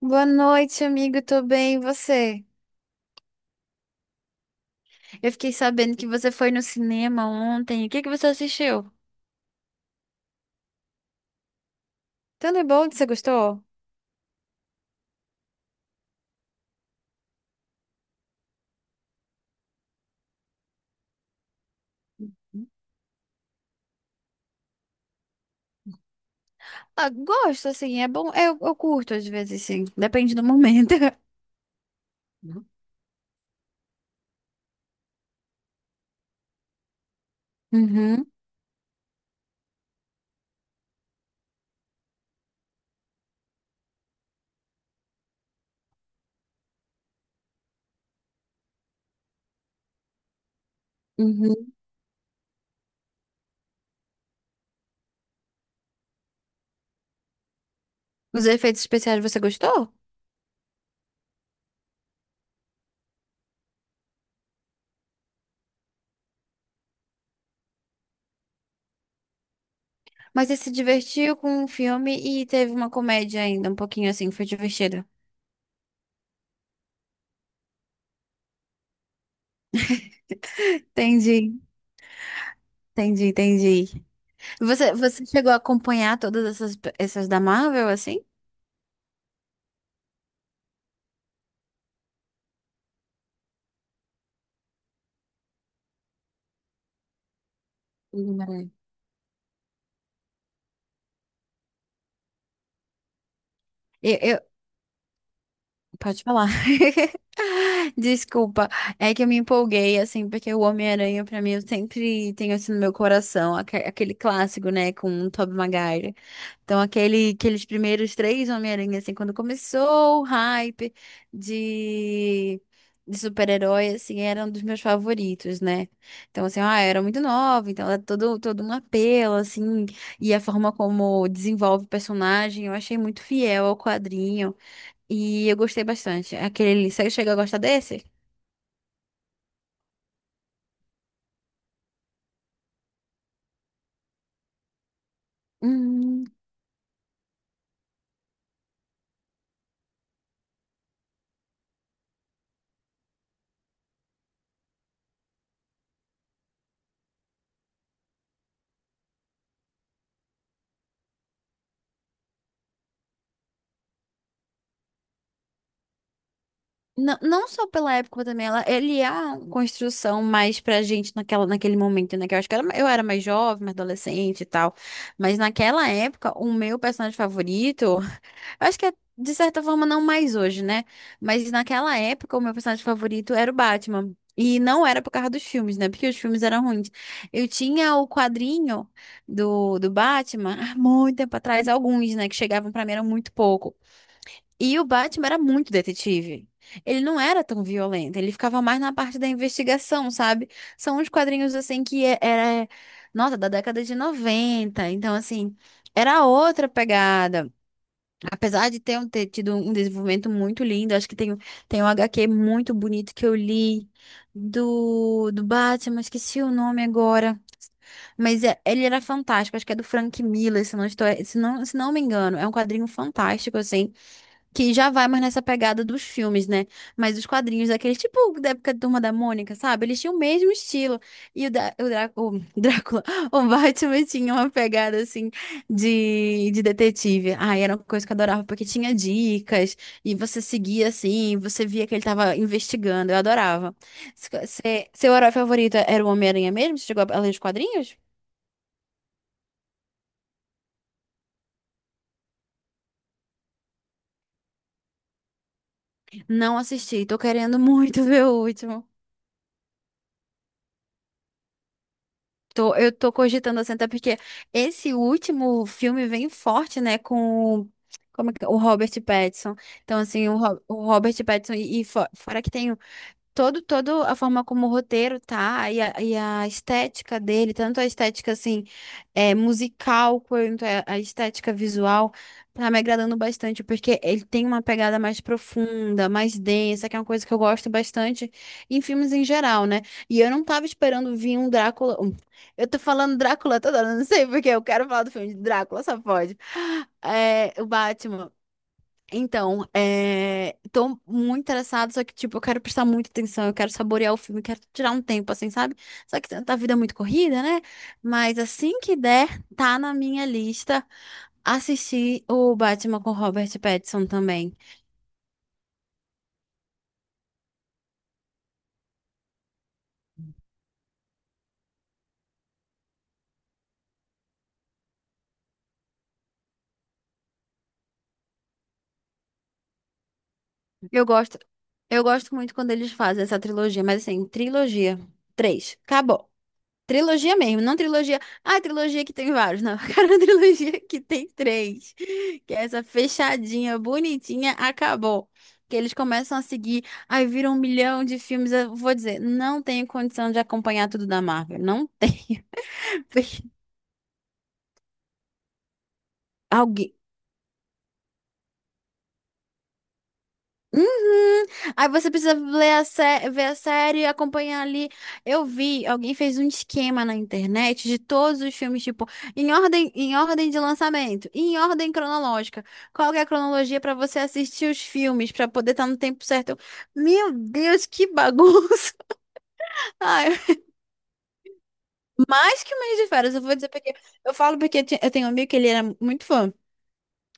Boa noite, amigo. Tô bem, e você? Eu fiquei sabendo que você foi no cinema ontem. O que você assistiu? Thunderbolt, você gostou? Ah, gosto, assim, é bom. Eu curto às vezes, sim. Depende do momento. Uhum, uhum. Os efeitos especiais você gostou? Mas você se divertiu com o filme e teve uma comédia ainda, um pouquinho assim, foi divertido. Entendi, entendi, entendi. Você chegou a acompanhar todas essas da Marvel, assim? Sim, Maria. Eu, eu, Pode falar. Desculpa, é que eu me empolguei, assim, porque o Homem-Aranha, pra mim, eu sempre tenho assim no meu coração, aquele clássico, né, com o Tobey Maguire. Então, aquele, aqueles primeiros três Homem-Aranha, assim, quando começou o hype de, de super-herói, assim, era um dos meus favoritos, né? Então, assim, ah, eu era muito nova, então era todo, todo um apelo, assim, e a forma como desenvolve o personagem, eu achei muito fiel ao quadrinho. E eu gostei bastante. Aquele, você chega a gostar desse? Hum, não, não só pela época, mas também ela, ele é uma construção mais pra gente naquela, naquele momento, né? Que eu acho que eu era mais jovem, mais adolescente e tal. Mas naquela época, o meu personagem favorito. Eu acho que é, de certa forma, não mais hoje, né? Mas naquela época, o meu personagem favorito era o Batman. E não era por causa dos filmes, né? Porque os filmes eram ruins. Eu tinha o quadrinho do Batman há muito tempo atrás, alguns, né? Que chegavam pra mim, era muito pouco. E o Batman era muito detetive. Ele não era tão violento, ele ficava mais na parte da investigação, sabe? São uns quadrinhos assim que era, nossa, da década de 90. Então, assim, era outra pegada. Apesar de ter, ter tido um desenvolvimento muito lindo, acho que tem, tem um HQ muito bonito que eu li do Batman, esqueci o nome agora. Mas ele era fantástico, acho que é do Frank Miller, se não estou, se não me engano. É um quadrinho fantástico, assim. Que já vai mais nessa pegada dos filmes, né? Mas os quadrinhos daqueles, tipo da época da Turma da Mônica, sabe? Eles tinham o mesmo estilo. E o Drácula, o Batman tinha uma pegada assim de detetive. Ai, era uma coisa que eu adorava, porque tinha dicas, e você seguia assim, você via que ele tava investigando. Eu adorava. Seu herói favorito era o Homem-Aranha mesmo? Você chegou a ler os quadrinhos? Não assisti, tô querendo muito ver o último. Tô, eu tô cogitando assim, até porque esse último filme vem forte, né, com o Robert Pattinson. Então, assim, o Robert Pattinson, e fora que tem todo, todo a forma como o roteiro tá e a estética dele, tanto a estética assim é, musical quanto a estética visual, tá me agradando bastante porque ele tem uma pegada mais profunda, mais densa, que é uma coisa que eu gosto bastante em filmes em geral, né? E eu não tava esperando vir um Drácula. Eu tô falando Drácula toda hora, não sei porque eu quero falar do filme de Drácula, só pode. É, o Batman. Então, é... tô muito interessada, só que, tipo, eu quero prestar muita atenção, eu quero saborear o filme, eu quero tirar um tempo, assim, sabe? Só que a vida é muito corrida, né? Mas assim que der, tá na minha lista assistir o Batman com Robert Pattinson também. Eu gosto, eu gosto muito quando eles fazem essa trilogia, mas assim, trilogia, três, acabou. Trilogia mesmo, não trilogia. Ah, trilogia que tem vários. Não, eu quero uma trilogia que tem três. Que é essa fechadinha, bonitinha, acabou. Que eles começam a seguir, aí viram um milhão de filmes. Eu vou dizer, não tenho condição de acompanhar tudo da Marvel. Não tenho. Porque Alguém, Uhum. Aí você precisa ler a ver a série e acompanhar ali. Eu vi, alguém fez um esquema na internet de todos os filmes, tipo, em ordem de lançamento, e em ordem cronológica. Qual que é a cronologia para você assistir os filmes, para poder estar no tempo certo? Eu, meu Deus, que bagunça! Ai, mais que um mês de férias, eu vou dizer porque eu falo porque eu tenho um amigo que ele era muito fã.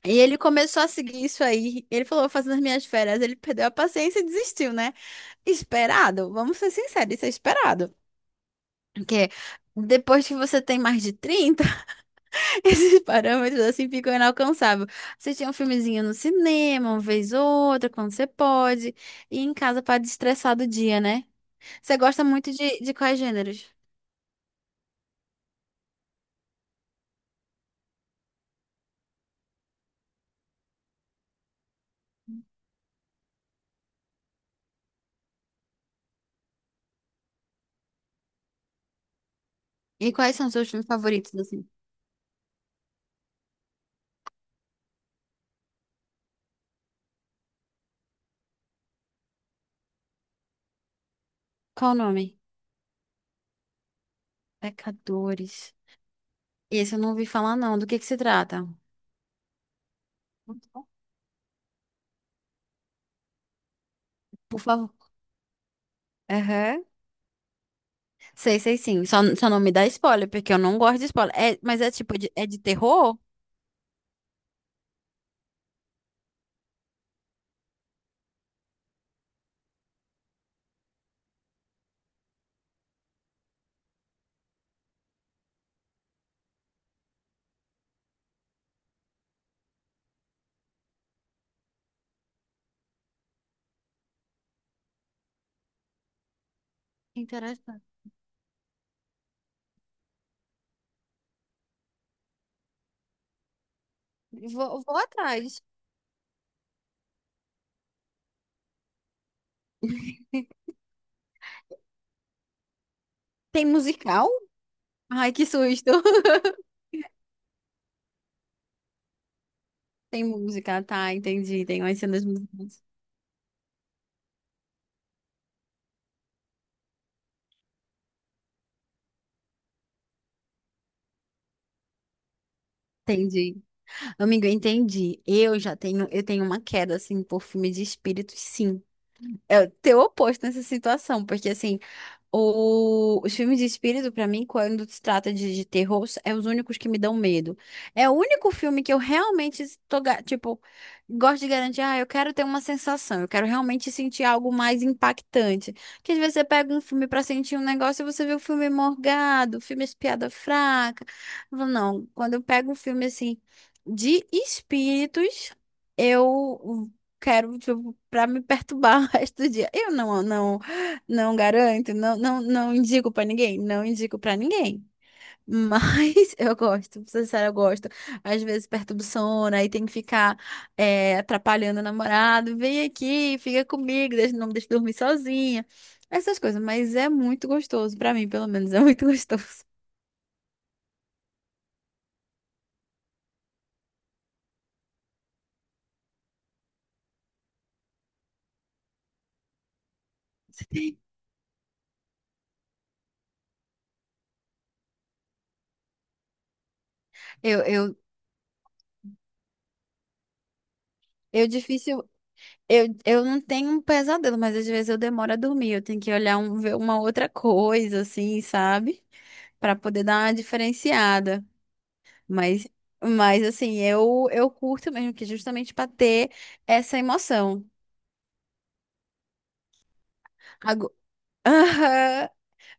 E ele começou a seguir isso aí. Ele falou, vou fazer nas minhas férias, ele perdeu a paciência e desistiu, né? Esperado, vamos ser sinceros, isso é esperado. Porque depois que você tem mais de 30, esses parâmetros assim ficam inalcançáveis. Você tinha um filmezinho no cinema, uma vez ou outra, quando você pode, e em casa para destressar do dia, né? Você gosta muito de quais gêneros? E quais são os seus filmes favoritos, assim? Qual o nome? Pecadores. Esse eu não ouvi falar, não. Do que se trata? Por favor. Aham. Sei, sei sim. Só não me dá spoiler, porque eu não gosto de spoiler. É, mas é tipo, de, é de terror? Interessante. Vou, vou atrás. Tem musical? Ai, que susto. Tem música, tá, entendi. Tem umas cenas musicais. Entendi. Amigo, eu entendi. Eu já tenho, eu tenho uma queda, assim, por filme de espíritos, sim. É o teu oposto nessa situação, porque assim. Os filmes de espírito, pra mim, quando se trata de terror, é os únicos que me dão medo. É o único filme que eu realmente estou, tipo, gosto de garantir, ah, eu quero ter uma sensação, eu quero realmente sentir algo mais impactante. Porque às vezes você pega um filme pra sentir um negócio e você vê o filme morgado, o filme de piada fraca. Eu falo, não, quando eu pego um filme assim de espíritos, eu quero, tipo, pra me perturbar o resto do dia. Eu não, não. Não garanto, não, não, não indico pra ninguém, não indico pra ninguém. Mas eu gosto, pra ser sincero, eu gosto. Às vezes perturba o sono, aí tem que ficar é, atrapalhando o namorado. Vem aqui, fica comigo, não me deixa dormir sozinha. Essas coisas, mas é muito gostoso, pra mim, pelo menos, é muito gostoso. Eu, eu, eu difícil. Eu não tenho um pesadelo, mas às vezes eu demoro a dormir. Eu tenho que olhar um, ver uma outra coisa, assim, sabe? Pra poder dar uma diferenciada. Mas, mas assim, eu curto mesmo que justamente pra ter essa emoção. Ago- Aham.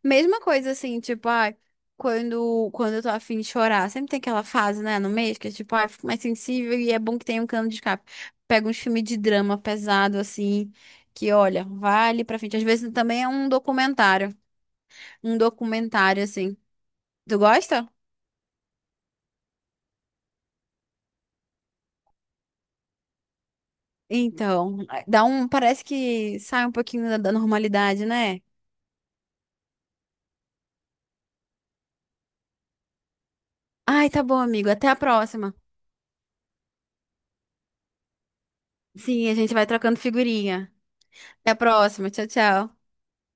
Mesma coisa assim, tipo, ai, quando, quando eu tô afim de chorar, sempre tem aquela fase, né, no mês que é tipo, ai, fico mais sensível e é bom que tenha um cano de escape. Pega uns filmes de drama pesado, assim, que olha, vale pra frente. Às vezes também é um documentário. Um documentário, assim. Tu gosta? Então, dá um, parece que sai um pouquinho da da normalidade, né? Ai, tá bom, amigo. Até a próxima. Sim, a gente vai trocando figurinha. Até a próxima. Tchau, tchau.